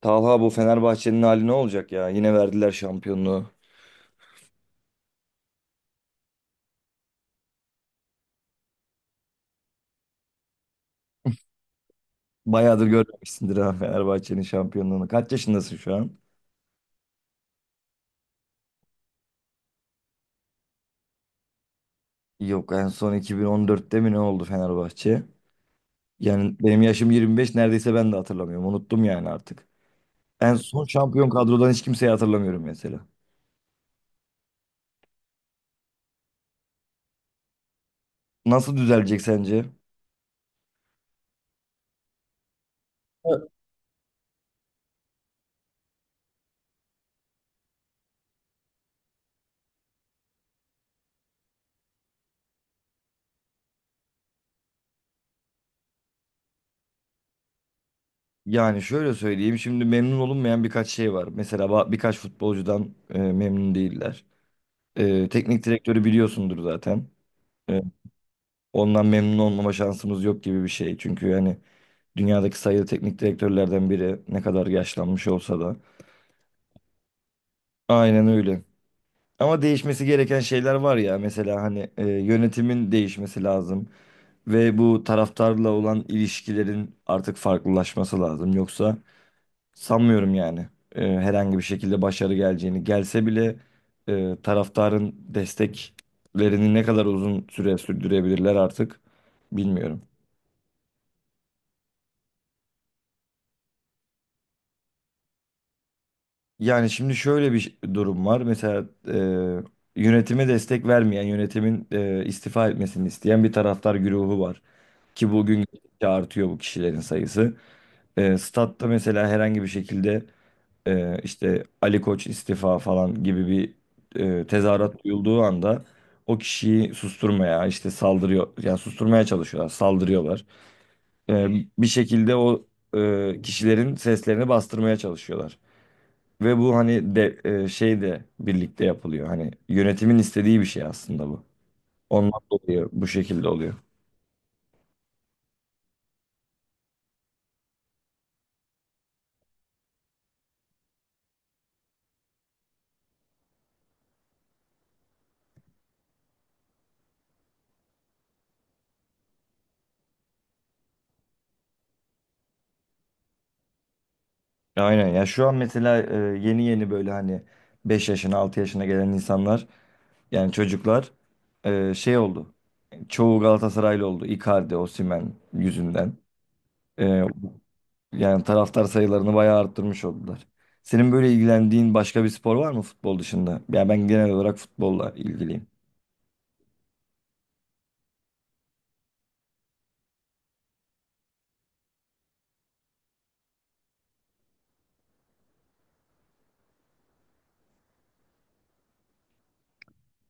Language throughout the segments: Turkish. Talha bu Fenerbahçe'nin hali ne olacak ya? Yine verdiler şampiyonluğu. Bayağıdır görmemişsindir ha Fenerbahçe'nin şampiyonluğunu. Kaç yaşındasın şu an? Yok en son 2014'te mi ne oldu Fenerbahçe? Yani benim yaşım 25 neredeyse ben de hatırlamıyorum. Unuttum yani artık. En son şampiyon kadrodan hiç kimseyi hatırlamıyorum mesela. Nasıl düzelecek sence? Yani şöyle söyleyeyim şimdi memnun olunmayan birkaç şey var. Mesela birkaç futbolcudan memnun değiller. Teknik direktörü biliyorsundur zaten. E, Ondan memnun olmama şansımız yok gibi bir şey. Çünkü hani dünyadaki sayılı teknik direktörlerden biri ne kadar yaşlanmış olsa da. Aynen öyle. Ama değişmesi gereken şeyler var ya. Mesela hani yönetimin değişmesi lazım. Ve bu taraftarla olan ilişkilerin artık farklılaşması lazım. Yoksa sanmıyorum yani herhangi bir şekilde başarı geleceğini. Gelse bile taraftarın desteklerini ne kadar uzun süre sürdürebilirler artık bilmiyorum. Yani şimdi şöyle bir durum var. Mesela yönetime destek vermeyen, yönetimin istifa etmesini isteyen bir taraftar güruhu var. Ki bugün gittikçe artıyor bu kişilerin sayısı. Statta mesela herhangi bir şekilde işte Ali Koç istifa falan gibi bir tezahürat duyulduğu anda o kişiyi susturmaya, işte saldırıyor, yani susturmaya çalışıyorlar, saldırıyorlar. E, Bir şekilde o kişilerin seslerini bastırmaya çalışıyorlar. Ve bu hani şey de birlikte yapılıyor. Hani yönetimin istediği bir şey aslında bu. Ondan dolayı bu şekilde oluyor. Aynen ya şu an mesela yeni yeni böyle hani 5 yaşına 6 yaşına gelen insanlar yani çocuklar şey oldu. Çoğu Galatasaraylı oldu. Icardi, Osimhen yüzünden. E, Yani taraftar sayılarını bayağı arttırmış oldular. Senin böyle ilgilendiğin başka bir spor var mı futbol dışında? Ya ben genel olarak futbolla ilgiliyim.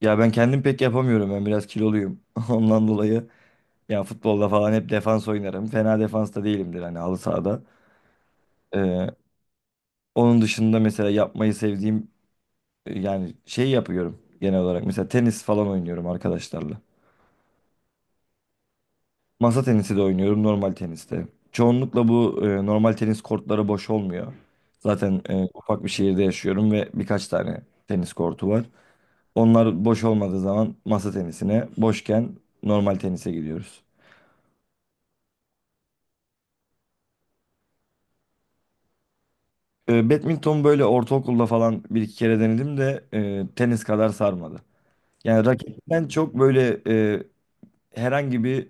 Ya ben kendim pek yapamıyorum. Ben biraz kiloluyum. Ondan dolayı ya futbolda falan hep defans oynarım. Fena defans da değilimdir hani halı sahada. Ee, Onun dışında mesela yapmayı sevdiğim yani şey yapıyorum genel olarak. Mesela tenis falan oynuyorum arkadaşlarla. Masa tenisi de oynuyorum normal teniste. Çoğunlukla bu normal tenis kortları boş olmuyor. Zaten ufak bir şehirde yaşıyorum ve birkaç tane tenis kortu var. Onlar boş olmadığı zaman masa tenisine, boşken normal tenise gidiyoruz. Badminton böyle ortaokulda falan bir iki kere denedim de tenis kadar sarmadı. Yani raketten çok böyle herhangi bir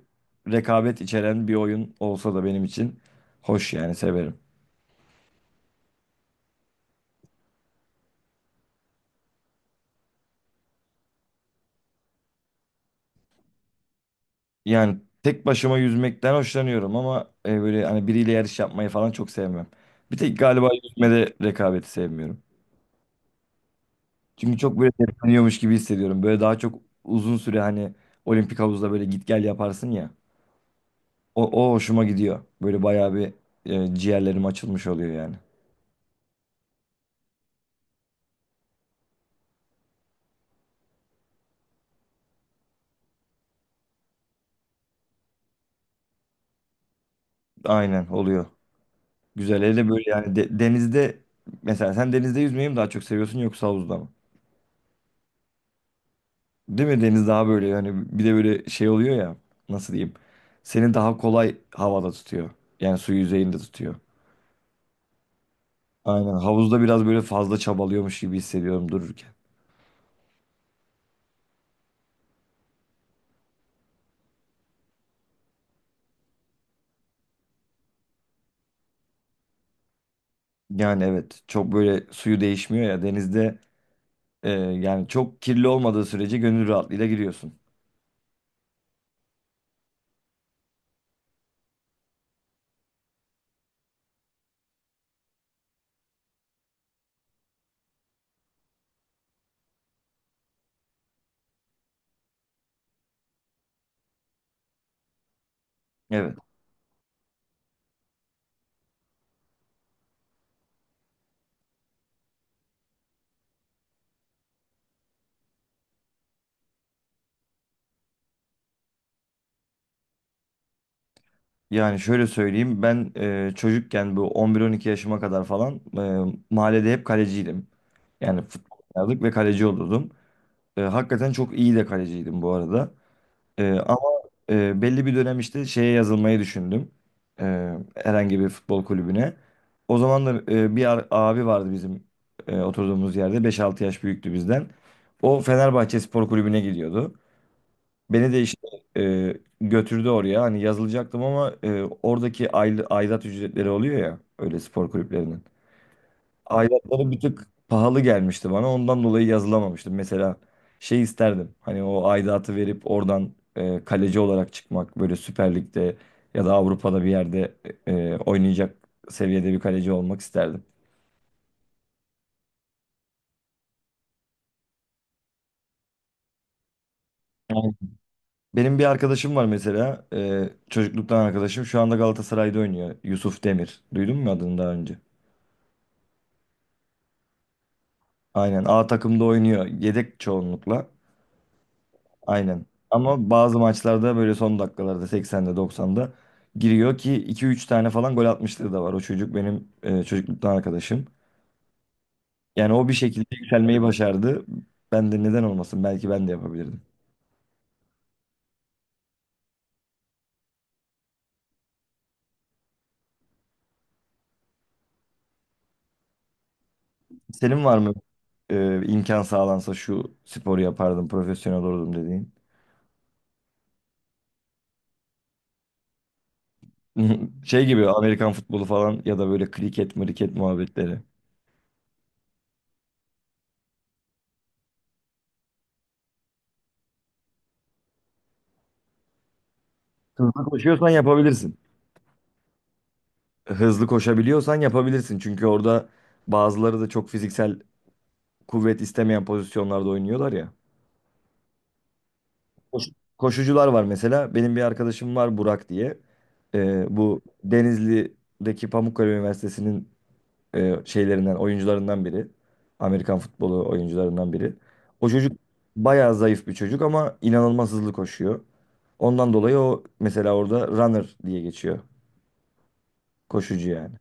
rekabet içeren bir oyun olsa da benim için hoş yani severim. Yani tek başıma yüzmekten hoşlanıyorum ama böyle hani biriyle yarış yapmayı falan çok sevmem. Bir tek galiba yüzmede rekabeti sevmiyorum. Çünkü çok böyle tepkileniyormuş gibi hissediyorum. Böyle daha çok uzun süre hani olimpik havuzda böyle git gel yaparsın ya. O, O hoşuma gidiyor. Böyle bayağı bir ciğerlerim açılmış oluyor yani. Aynen oluyor. Güzel. Hele böyle yani denizde mesela sen denizde yüzmeyi mi daha çok seviyorsun yoksa havuzda mı? Değil mi? Deniz daha böyle yani bir de böyle şey oluyor ya nasıl diyeyim? Seni daha kolay havada tutuyor. Yani su yüzeyinde tutuyor. Aynen. Havuzda biraz böyle fazla çabalıyormuş gibi hissediyorum dururken. Yani evet çok böyle suyu değişmiyor ya denizde yani çok kirli olmadığı sürece gönül rahatlığıyla giriyorsun. Evet. Yani şöyle söyleyeyim ben çocukken bu 11-12 yaşıma kadar falan mahallede hep kaleciydim. Yani futbol oynardık ve kaleci olurdum. Hakikaten çok iyi de kaleciydim bu arada. E, ama Belli bir dönem işte şeye yazılmayı düşündüm. Herhangi bir futbol kulübüne. O zaman da bir abi vardı bizim oturduğumuz yerde. Beş-altı yaş büyüktü bizden. O Fenerbahçe Spor Kulübü'ne gidiyordu. Beni de işte e, götürdü oraya. Hani yazılacaktım ama oradaki aidat ücretleri oluyor ya öyle spor kulüplerinin. Aidatları bir tık pahalı gelmişti bana. Ondan dolayı yazılamamıştım. Mesela şey isterdim. Hani o aidatı verip oradan kaleci olarak çıkmak. Böyle Süper Lig'de ya da Avrupa'da bir yerde oynayacak seviyede bir kaleci olmak isterdim. Yani benim bir arkadaşım var mesela. Çocukluktan arkadaşım. Şu anda Galatasaray'da oynuyor. Yusuf Demir. Duydun mu adını daha önce? Aynen A takımda oynuyor. Yedek çoğunlukla. Aynen. Ama bazı maçlarda böyle son dakikalarda 80'de 90'da giriyor ki iki üç tane falan gol atmışlığı da var. O çocuk benim çocukluktan arkadaşım. Yani o bir şekilde yükselmeyi başardı. Ben de neden olmasın? Belki ben de yapabilirdim. Senin var mı imkan sağlansa şu sporu yapardım, profesyonel olurdum dediğin? Şey gibi Amerikan futbolu falan ya da böyle kriket, mriket muhabbetleri. Hızlı koşuyorsan yapabilirsin. Hızlı koşabiliyorsan yapabilirsin. Çünkü orada bazıları da çok fiziksel kuvvet istemeyen pozisyonlarda oynuyorlar ya. Koş- Koşucular var mesela. Benim bir arkadaşım var Burak diye. Bu Denizli'deki Pamukkale Üniversitesi'nin oyuncularından biri. Amerikan futbolu oyuncularından biri. O çocuk bayağı zayıf bir çocuk ama inanılmaz hızlı koşuyor. Ondan dolayı o mesela orada runner diye geçiyor. Koşucu yani.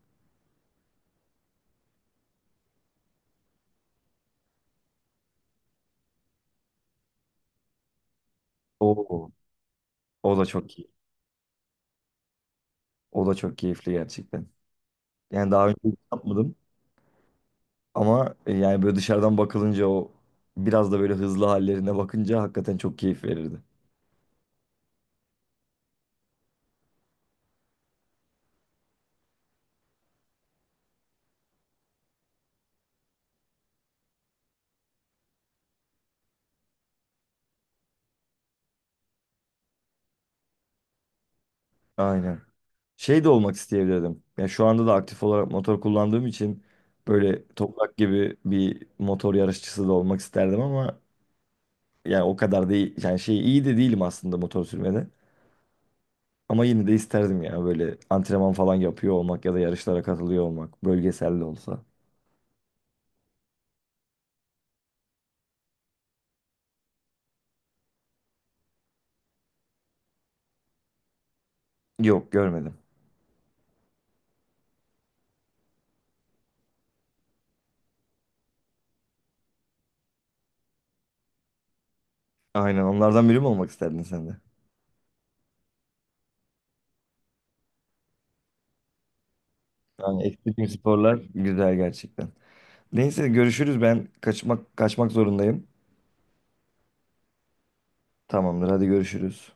Oo. O da çok iyi. O da çok keyifli gerçekten. Yani daha önce hiç yapmadım ama yani böyle dışarıdan bakılınca o biraz da böyle hızlı hallerine bakınca hakikaten çok keyif verirdi. Aynen. Şey de olmak isteyebilirdim. Yani şu anda da aktif olarak motor kullandığım için böyle toprak gibi bir motor yarışçısı da olmak isterdim ama yani o kadar değil. Yani şey iyi de değilim aslında motor sürmede. Ama yine de isterdim ya böyle antrenman falan yapıyor olmak ya da yarışlara katılıyor olmak. Bölgesel de olsa. Yok görmedim. Aynen onlardan biri mi olmak isterdin sen de? Yani ekstrem sporlar güzel gerçekten. Neyse görüşürüz ben kaçmak zorundayım. Tamamdır hadi görüşürüz.